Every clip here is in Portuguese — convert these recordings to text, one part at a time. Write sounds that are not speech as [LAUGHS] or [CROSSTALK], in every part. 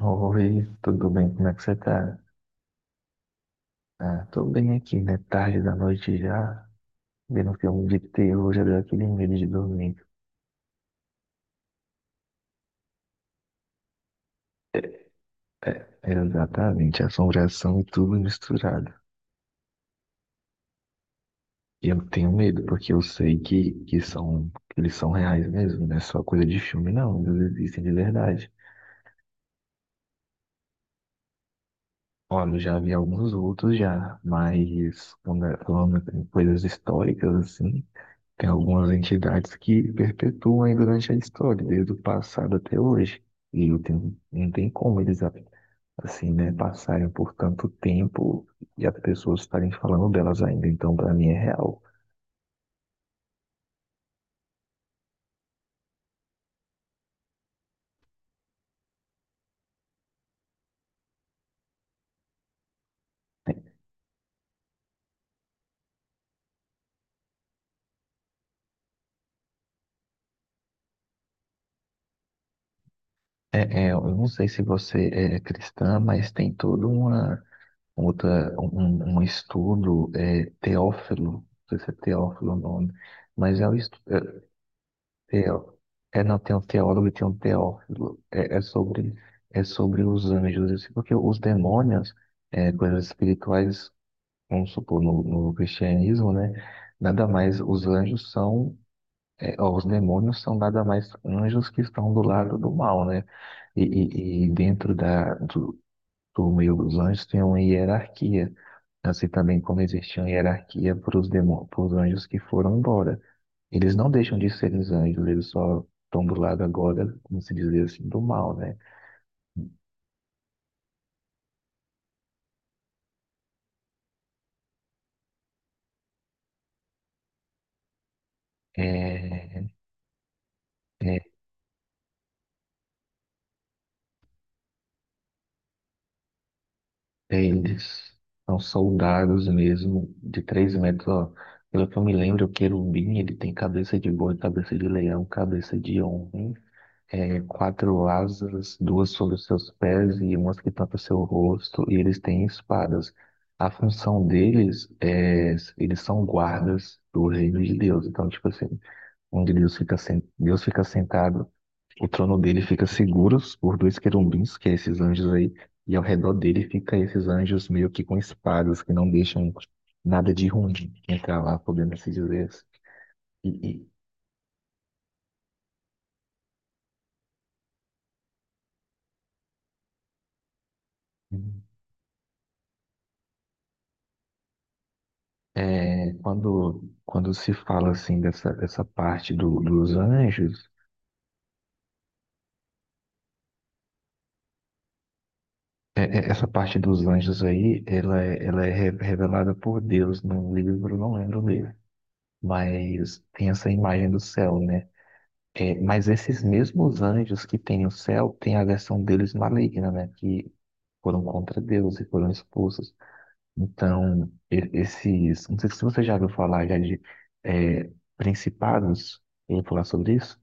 Oi, tudo bem? Como é que você tá? Ah, tô bem aqui, né? Tarde da noite já, vendo um filme de terror, já deu aquele medo de dormir. É, é, exatamente, assombração e tudo misturado. E eu tenho medo, porque eu sei que eles são reais mesmo, não é só coisa de filme, não, eles existem de verdade. Olha, eu já vi alguns outros já, mas falando em coisas históricas, assim, tem algumas entidades que perpetuam aí durante a história, desde o passado até hoje. E não tem como eles, assim, né, passarem por tanto tempo e as pessoas estarem falando delas ainda. Então, para mim, é real. É, é, eu não sei se você é cristã, mas tem todo uma, outra, um estudo, teófilo, não sei se é teófilo o nome, mas é, o estudo, Teo. É, não, tem um teólogo e tem um teófilo. É, é sobre os anjos. Assim, porque os demônios, coisas espirituais, vamos supor, no cristianismo, né? Nada mais, os anjos são, os demônios são nada mais anjos que estão do lado do mal, né? E dentro os anjos têm uma hierarquia, assim também como existia uma hierarquia para os demônios, para os anjos que foram embora. Eles não deixam de ser os anjos, eles só estão do lado agora, como se dizer assim, do mal, né? É, é, é, eles são soldados mesmo, de 3 metros, ó. Pelo que eu me lembro, o querubim, ele tem cabeça de boi, cabeça de leão, cabeça de homem, quatro asas, duas sobre os seus pés e uma que tampa seu rosto, e eles têm espadas. A função deles é, eles são guardas do reino de Deus. Então, tipo assim, onde Deus fica, Deus fica sentado, o trono dele fica seguro por dois querubins, que é esses anjos aí, e ao redor dele fica esses anjos meio que com espadas, que não deixam nada de ruim entrar lá, podendo se dizer assim. E, e- É, quando se fala assim dessa parte dos anjos, essa parte dos anjos aí, ela, ela é revelada por Deus num livro, não lembro o livro, mas tem essa imagem do céu, né? É, mas esses mesmos anjos que tem no céu, tem a versão deles maligna, né? Que foram contra Deus e foram expulsos. Então, esses, não sei se você já ouviu falar já de é, principados, eu vou falar sobre isso.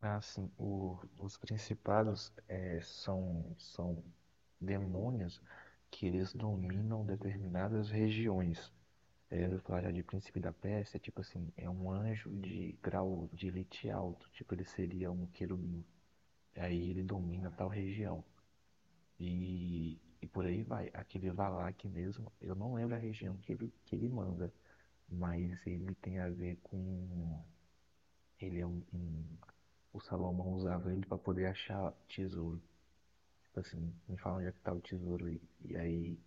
Assim, os principados são demônios que eles dominam determinadas regiões. Eu falar já de príncipe da Pérsia, tipo assim, é um anjo de grau de elite alto, tipo ele seria um querubim. Aí ele domina tal região. E por aí vai. Aquele Valak mesmo, eu não lembro a região que ele manda, mas ele tem a ver com. Ele é um. O Salomão usava ele para poder achar tesouros. Tipo assim, me falam onde é que tá o tesouro aí. E aí,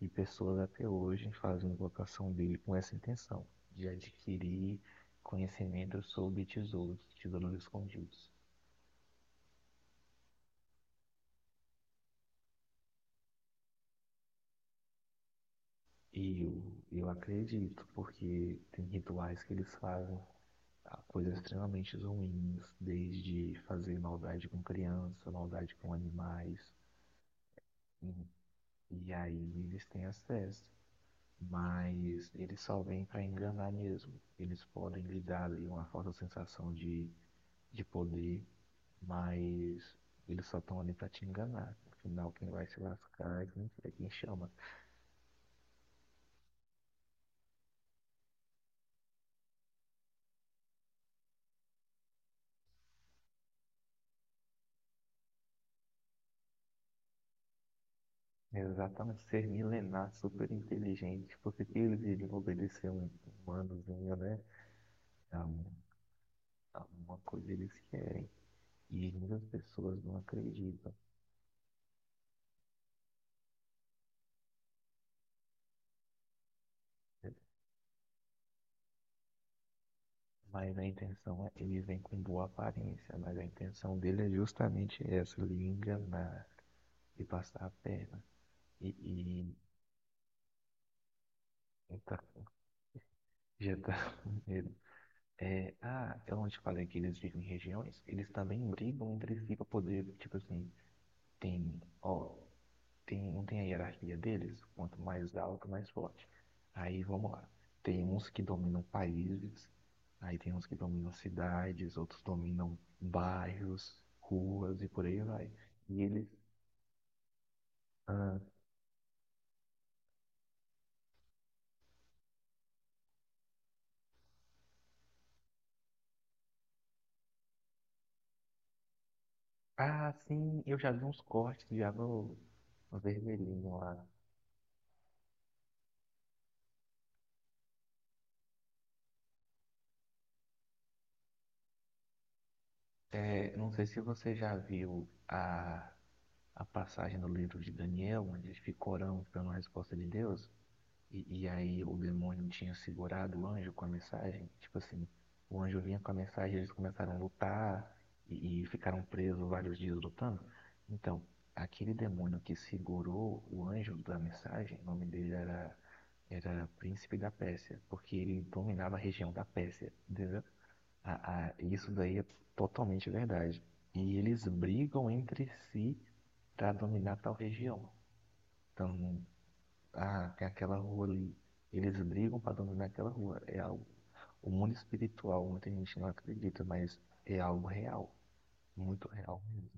e pessoas até hoje fazem vocação dele com essa intenção, de adquirir conhecimento sobre tesouros, tesouros escondidos. E eu acredito, porque tem rituais que eles fazem, coisas extremamente ruins, desde fazer maldade com criança, maldade com animais. E, e aí eles têm acesso, mas eles só vêm para enganar mesmo. Eles podem lhe dar ali uma falsa sensação de, poder, mas eles só estão ali para te enganar. Afinal, quem vai se lascar é quem chama. Exatamente, ser milenar, super inteligente, porque que eles iriam obedecer um humanozinho, né? Alguma coisa eles querem. E muitas pessoas não acreditam. É. Mas a intenção, ele vem com boa aparência, mas a intenção dele é justamente essa, lhe enganar e passar a perna. E, e então, já tá [LAUGHS] com medo. É, ah, eu não te falei que eles vivem em regiões, eles também brigam entre si para poder, tipo assim, tem, ó. Tem, não tem a hierarquia deles? Quanto mais alto, mais forte. Aí vamos lá. Tem uns que dominam países, aí tem uns que dominam cidades, outros dominam bairros, ruas e por aí vai. E eles. Ah, ah, sim, eu já vi uns cortes já no vermelhinho lá. É, não sei se você já viu a passagem do livro de Daniel, onde ele fica orando pela resposta de Deus. E aí o demônio tinha segurado o anjo com a mensagem. Tipo assim, o anjo vinha com a mensagem, eles começaram a lutar e ficaram presos vários dias lutando. Então, aquele demônio que segurou o anjo da mensagem, o nome dele era, era Príncipe da Pérsia, porque ele dominava a região da Pérsia, entendeu? Isso daí é totalmente verdade. E eles brigam entre si para dominar tal região. Então, ah, tem aquela rua ali. Eles brigam para dominar aquela rua. É algo. O mundo espiritual, muita gente não acredita, mas é algo real. Muito real mesmo.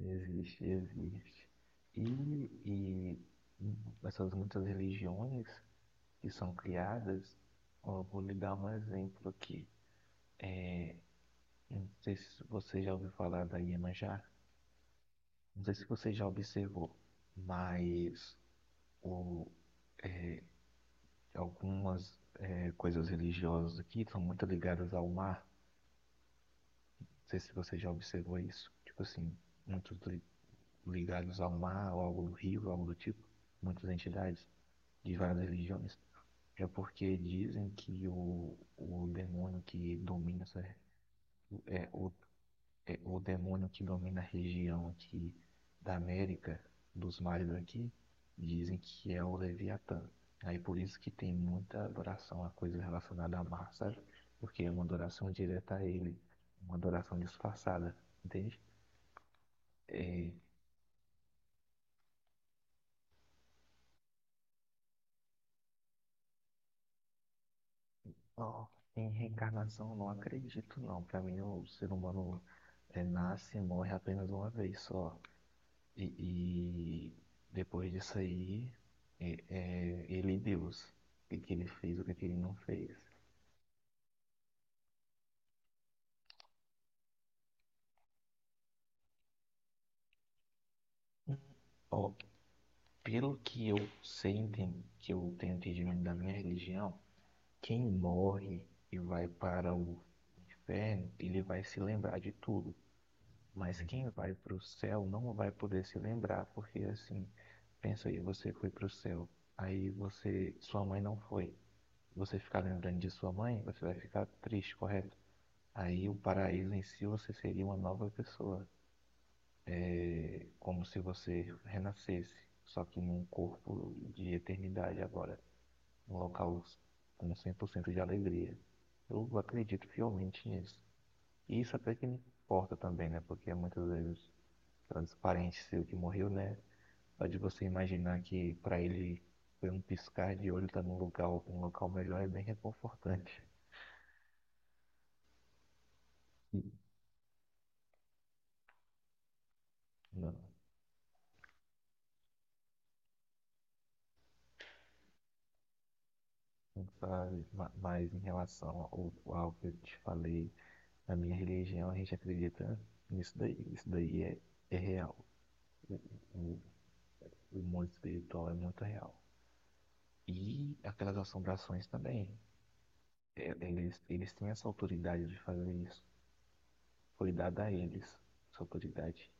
Existe, existe. E essas muitas religiões que são criadas, ó, eu vou lhe dar um exemplo aqui. É, não sei se você já ouviu falar da Iemanjá, não sei se você já observou, mas o, é, algumas coisas religiosas aqui são muito ligadas ao mar. Não sei se você já observou isso. Tipo assim, muitos ligados ao mar, ou algo do rio, algo do tipo. Muitas entidades de várias religiões. É porque dizem que o demônio que domina essa, é, o o demônio que domina a região aqui da América, dos mares aqui, dizem que é o Leviatã. Aí por isso que tem muita adoração a coisa relacionada a mar, sabe? Porque é uma adoração direta a ele, uma adoração disfarçada, entende? É, ó, em reencarnação eu não acredito não. Pra mim o ser humano nasce e morre apenas uma vez só. E, e depois disso aí, é ele e Deus. O que ele fez, o que ele não fez. Ó, pelo que eu sei, que eu tenho entendimento da minha religião, quem morre e vai para o inferno, ele vai se lembrar de tudo. Mas quem vai para o céu não vai poder se lembrar, porque assim, pensa aí, você foi para o céu, aí você, sua mãe não foi. Você ficar lembrando de sua mãe, você vai ficar triste, correto? Aí o paraíso em si você seria uma nova pessoa. É como se você renascesse, só que num corpo de eternidade agora, num local com 100% de alegria. Eu acredito fielmente nisso. E isso até que me importa também, né? Porque muitas vezes transparente ser o que morreu, né? Só de você imaginar que para ele foi um piscar de olho, tá num lugar, um local melhor, é bem reconfortante. Sim. Não. Sabe? Mas em relação ao que eu te falei, na minha religião a gente acredita nisso daí. Isso daí é real. O, o, o mundo espiritual é muito real. E aquelas assombrações também. É, eles têm essa autoridade de fazer isso. Foi dada a eles essa autoridade.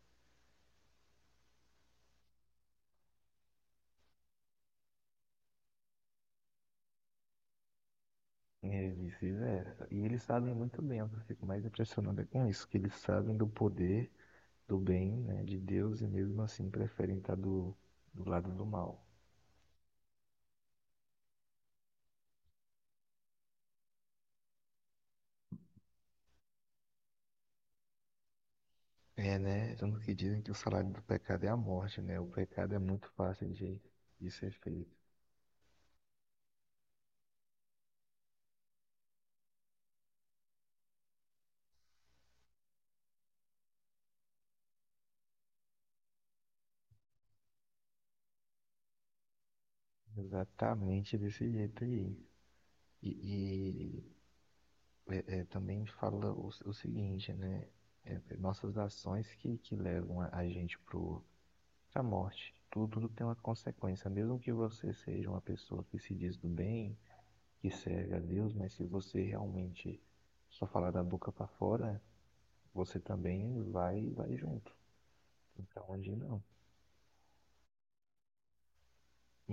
E é vice-versa. E eles sabem muito bem. Eu fico mais impressionado é com isso, que eles sabem do poder do bem, né, de Deus e mesmo assim preferem estar do, lado do mal. É, né? Tanto que dizem que o salário do pecado é a morte, né? O pecado é muito fácil de ser feito. Exatamente desse jeito aí. E também fala o seguinte, né? É, é, nossas ações que levam a gente pra morte. Tudo tem uma consequência. Mesmo que você seja uma pessoa que se diz do bem, que serve a Deus, mas se você realmente só falar da boca para fora, você também vai, junto. Então, onde não?